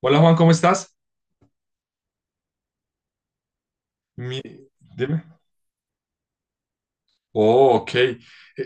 Hola Juan, ¿cómo estás? Mi- Dime. Oh, ok.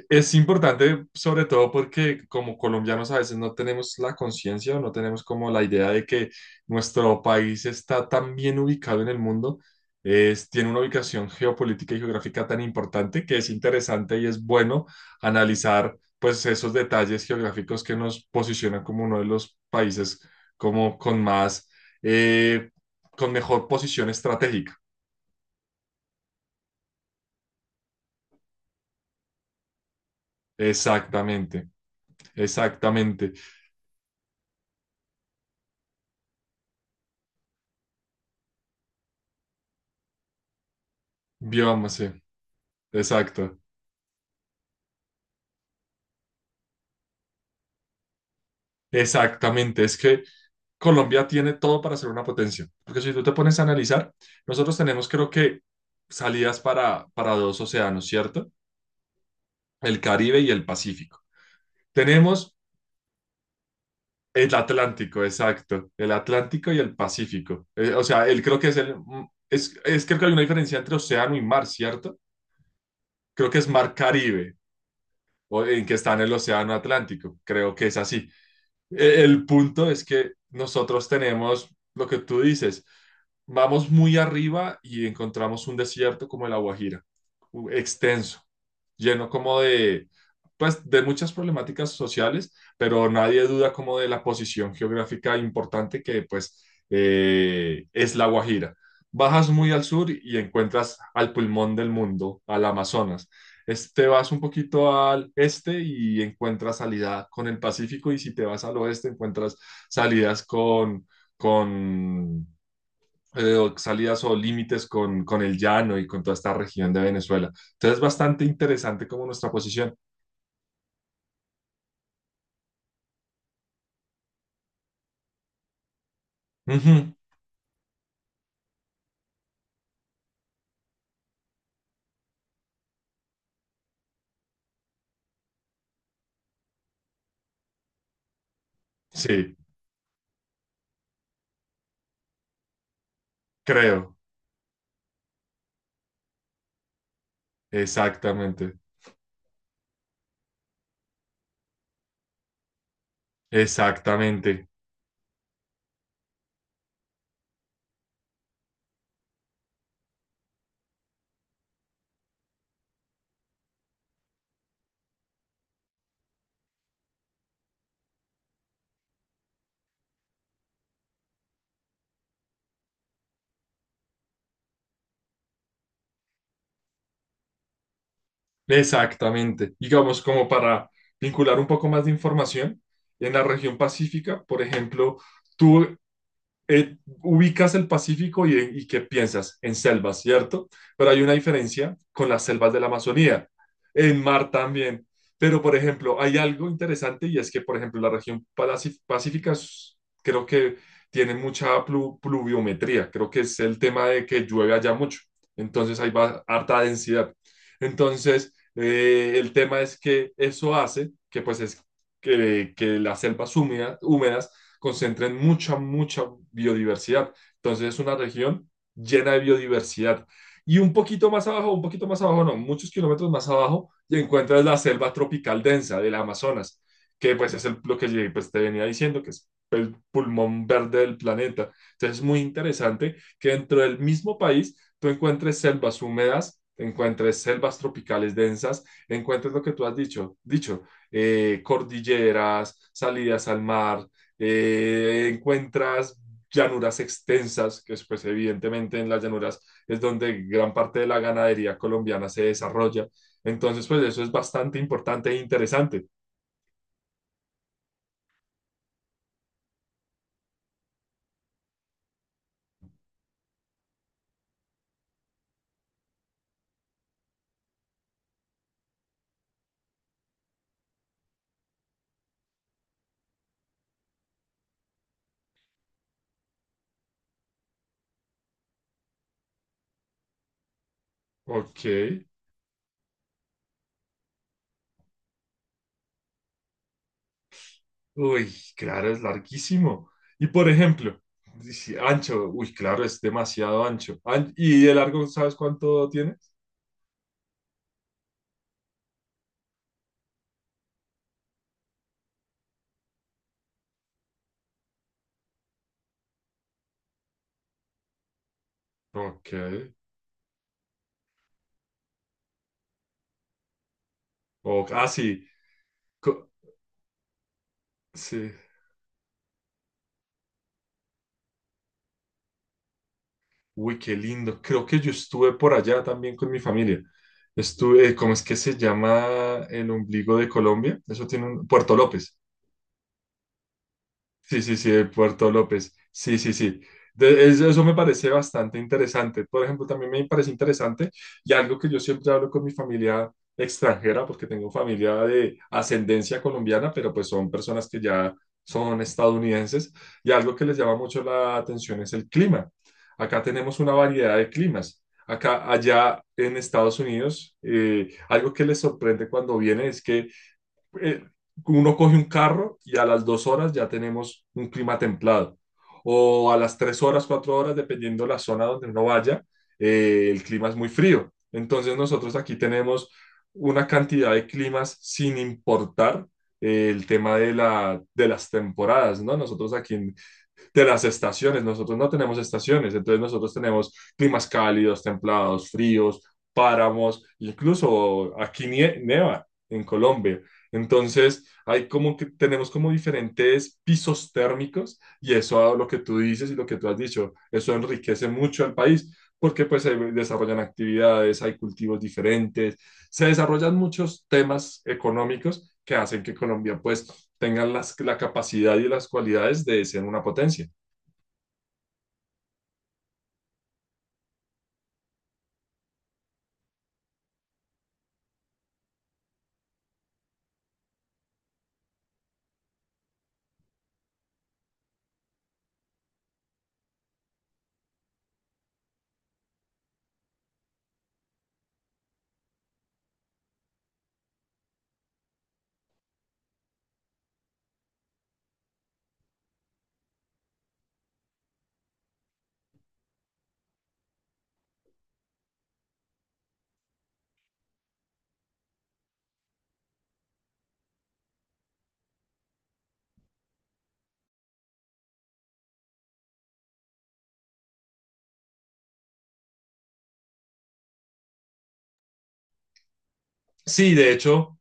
Es importante sobre todo porque como colombianos a veces no tenemos la conciencia o no tenemos como la idea de que nuestro país está tan bien ubicado en el mundo, tiene una ubicación geopolítica y geográfica tan importante que es interesante y es bueno analizar pues esos detalles geográficos que nos posicionan como uno de los países como con más, eh, con mejor posición estratégica. Exactamente, exactamente. Bioma, sí. Exacto, exactamente. Es que Colombia tiene todo para ser una potencia, porque si tú te pones a analizar, nosotros tenemos creo que salidas para dos océanos, ¿cierto? El Caribe y el Pacífico. Tenemos el Atlántico, exacto, el Atlántico y el Pacífico. O sea, él creo que es es creo que hay una diferencia entre océano y mar, ¿cierto? Creo que es mar Caribe, o en que está en el océano Atlántico, creo que es así. El punto es que nosotros tenemos lo que tú dices, vamos muy arriba y encontramos un desierto como el Aguajira, extenso, lleno como de, pues, de muchas problemáticas sociales, pero nadie duda como de la posición geográfica importante que es la Guajira. Bajas muy al sur y encuentras al pulmón del mundo, al Amazonas. Te vas un poquito al este y encuentras salida con el Pacífico y si te vas al oeste encuentras salidas con o salidas o límites con el llano y con toda esta región de Venezuela. Entonces es bastante interesante como nuestra posición. Ujú. Sí, creo. Exactamente. Exactamente. Exactamente. Digamos como para vincular un poco más de información, en la región pacífica, por ejemplo, Tú eh, ubicas el Pacífico y qué piensas en selvas, ¿cierto? Pero hay una diferencia con las selvas de la Amazonía, en mar también. Pero, por ejemplo, hay algo interesante y es que, por ejemplo, la pacífica creo que tiene pluviometría, creo que es el tema de que llueve allá mucho, entonces harta densidad. Entonces, el tema es que eso hace que, pues, que las húmedas concentren mucha biodiversidad. Entonces es una región llena de biodiversidad. Y un poquito más abajo, no, muchos kilómetros más abajo, y encuentras la selva tropical densa del Amazonas, que pues es el, lo que pues, te venía diciendo, que es el pulmón verde del planeta. Entonces es muy interesante que dentro del mismo país tú encuentres selvas húmedas, encuentres selvas tropicales densas, encuentres lo que tú has dicho, cordilleras, salidas al mar, encuentras llanuras extensas, que es, pues evidentemente en las llanuras es donde gran parte de la ganadería colombiana se desarrolla. Entonces, pues eso es bastante importante e interesante. Ok. Uy, claro, es larguísimo. Y por ejemplo, dice, ancho, uy, claro, es demasiado ancho. ¿Y de largo sabes cuánto tienes? Ok, o ah, sí, co- sí. Uy, qué lindo. Creo que yo estuve por allá también con mi familia. Estuve, ¿cómo es que se llama el ombligo de Colombia? Eso tiene un Puerto López. Sí, sí, sí, de Puerto López. Sí, sí, sí. Eso me parece bastante interesante. Por ejemplo, también me parece interesante y algo que yo siempre hablo con mi familia extranjera, porque tengo familia de ascendencia colombiana, pero pues son personas que ya son estadounidenses, y algo que les llama mucho la atención es el clima. Acá tenemos una variedad de climas. Acá, allá en Estados Unidos, algo que les sorprende cuando vienen es que eh, uno coge un carro y a las 2 horas ya tenemos un clima templado. O a las 3 horas, 4 horas, dependiendo la zona donde uno vaya, el clima es muy frío. Entonces nosotros aquí tenemos una cantidad de climas sin importar el tema de de las temporadas, ¿no? De las estaciones. Nosotros no tenemos estaciones, entonces nosotros tenemos climas cálidos, templados, fríos, páramos, incluso aquí nieva en Colombia. Entonces, hay como que tenemos como diferentes pisos térmicos y eso a lo que tú dices y lo que tú has dicho, eso enriquece mucho al país porque pues se desarrollan actividades, hay cultivos diferentes, se desarrollan muchos temas económicos que hacen que Colombia pues tenga la capacidad y las cualidades de ser una potencia. Sí, de hecho,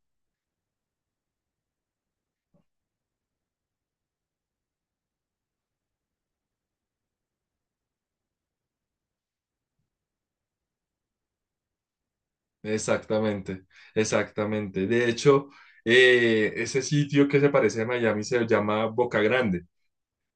exactamente, exactamente. De hecho, ese sitio que se parece a Miami se llama Boca Grande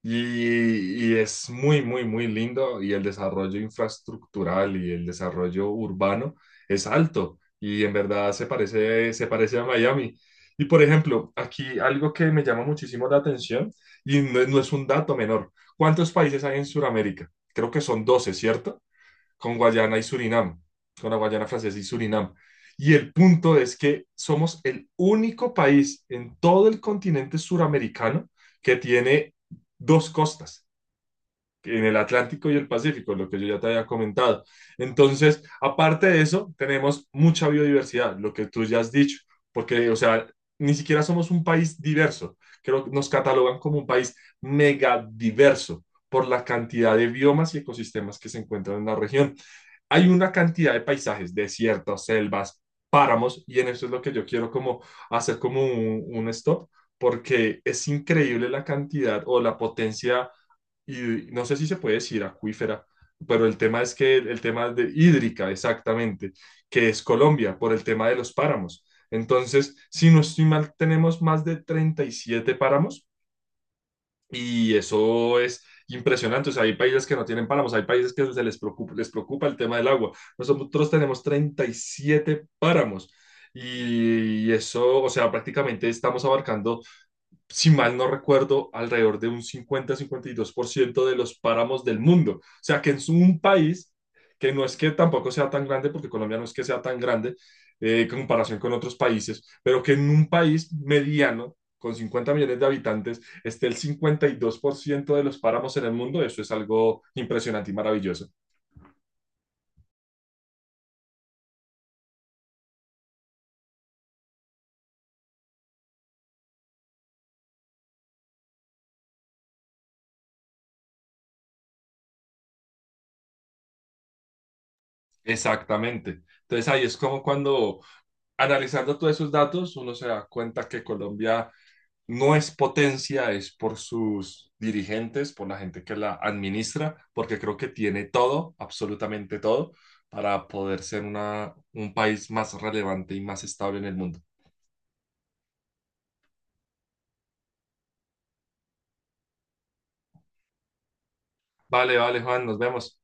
y es muy, muy, muy lindo y el desarrollo infraestructural y el desarrollo urbano es alto y en verdad se parece a Miami. Y por ejemplo, aquí algo que me llama muchísimo la atención y no, no es un dato menor. ¿Cuántos países hay en Sudamérica? Creo que son 12, ¿cierto? Con Guayana y Surinam, con la Guayana Francesa y Surinam. Y el punto es que somos el único país en todo el continente suramericano que tiene dos costas, en el Atlántico y el Pacífico, lo que yo ya te había comentado. Entonces, aparte de eso, tenemos mucha biodiversidad, lo que tú ya has dicho, porque, o sea, ni siquiera somos un país diverso. Creo que nos catalogan como un país megadiverso por la cantidad de biomas y ecosistemas que se encuentran en la región. Hay una cantidad de paisajes, desiertos, selvas, páramos, y en eso es lo que yo quiero como hacer como un stop, porque es increíble la cantidad o la potencia, y no sé si se puede decir acuífera, pero el tema es que el tema de hídrica, exactamente, que es Colombia, por el tema de los páramos. Entonces, si no estoy mal, tenemos más de 37 páramos y eso es impresionante. O sea, hay países que no tienen páramos, hay países que se les preocupa el tema del agua. Nosotros tenemos 37 páramos y eso, o sea, prácticamente estamos abarcando si mal no recuerdo, alrededor de un cincuenta-52% de los páramos del mundo. O sea, que es un país que no es que tampoco sea tan grande, porque Colombia no es que sea tan grande en comparación con otros países, pero que en un país mediano, con 50 millones de habitantes, esté el 52% de los páramos en el mundo, eso es algo impresionante y maravilloso. Exactamente. Entonces ahí es como cuando analizando todos esos datos uno se da cuenta que Colombia no es potencia, es por sus dirigentes, por la gente que la administra, porque creo que tiene todo, absolutamente todo, para poder ser un país más relevante y más estable en el mundo. Vale, vale, Juan, nos vemos.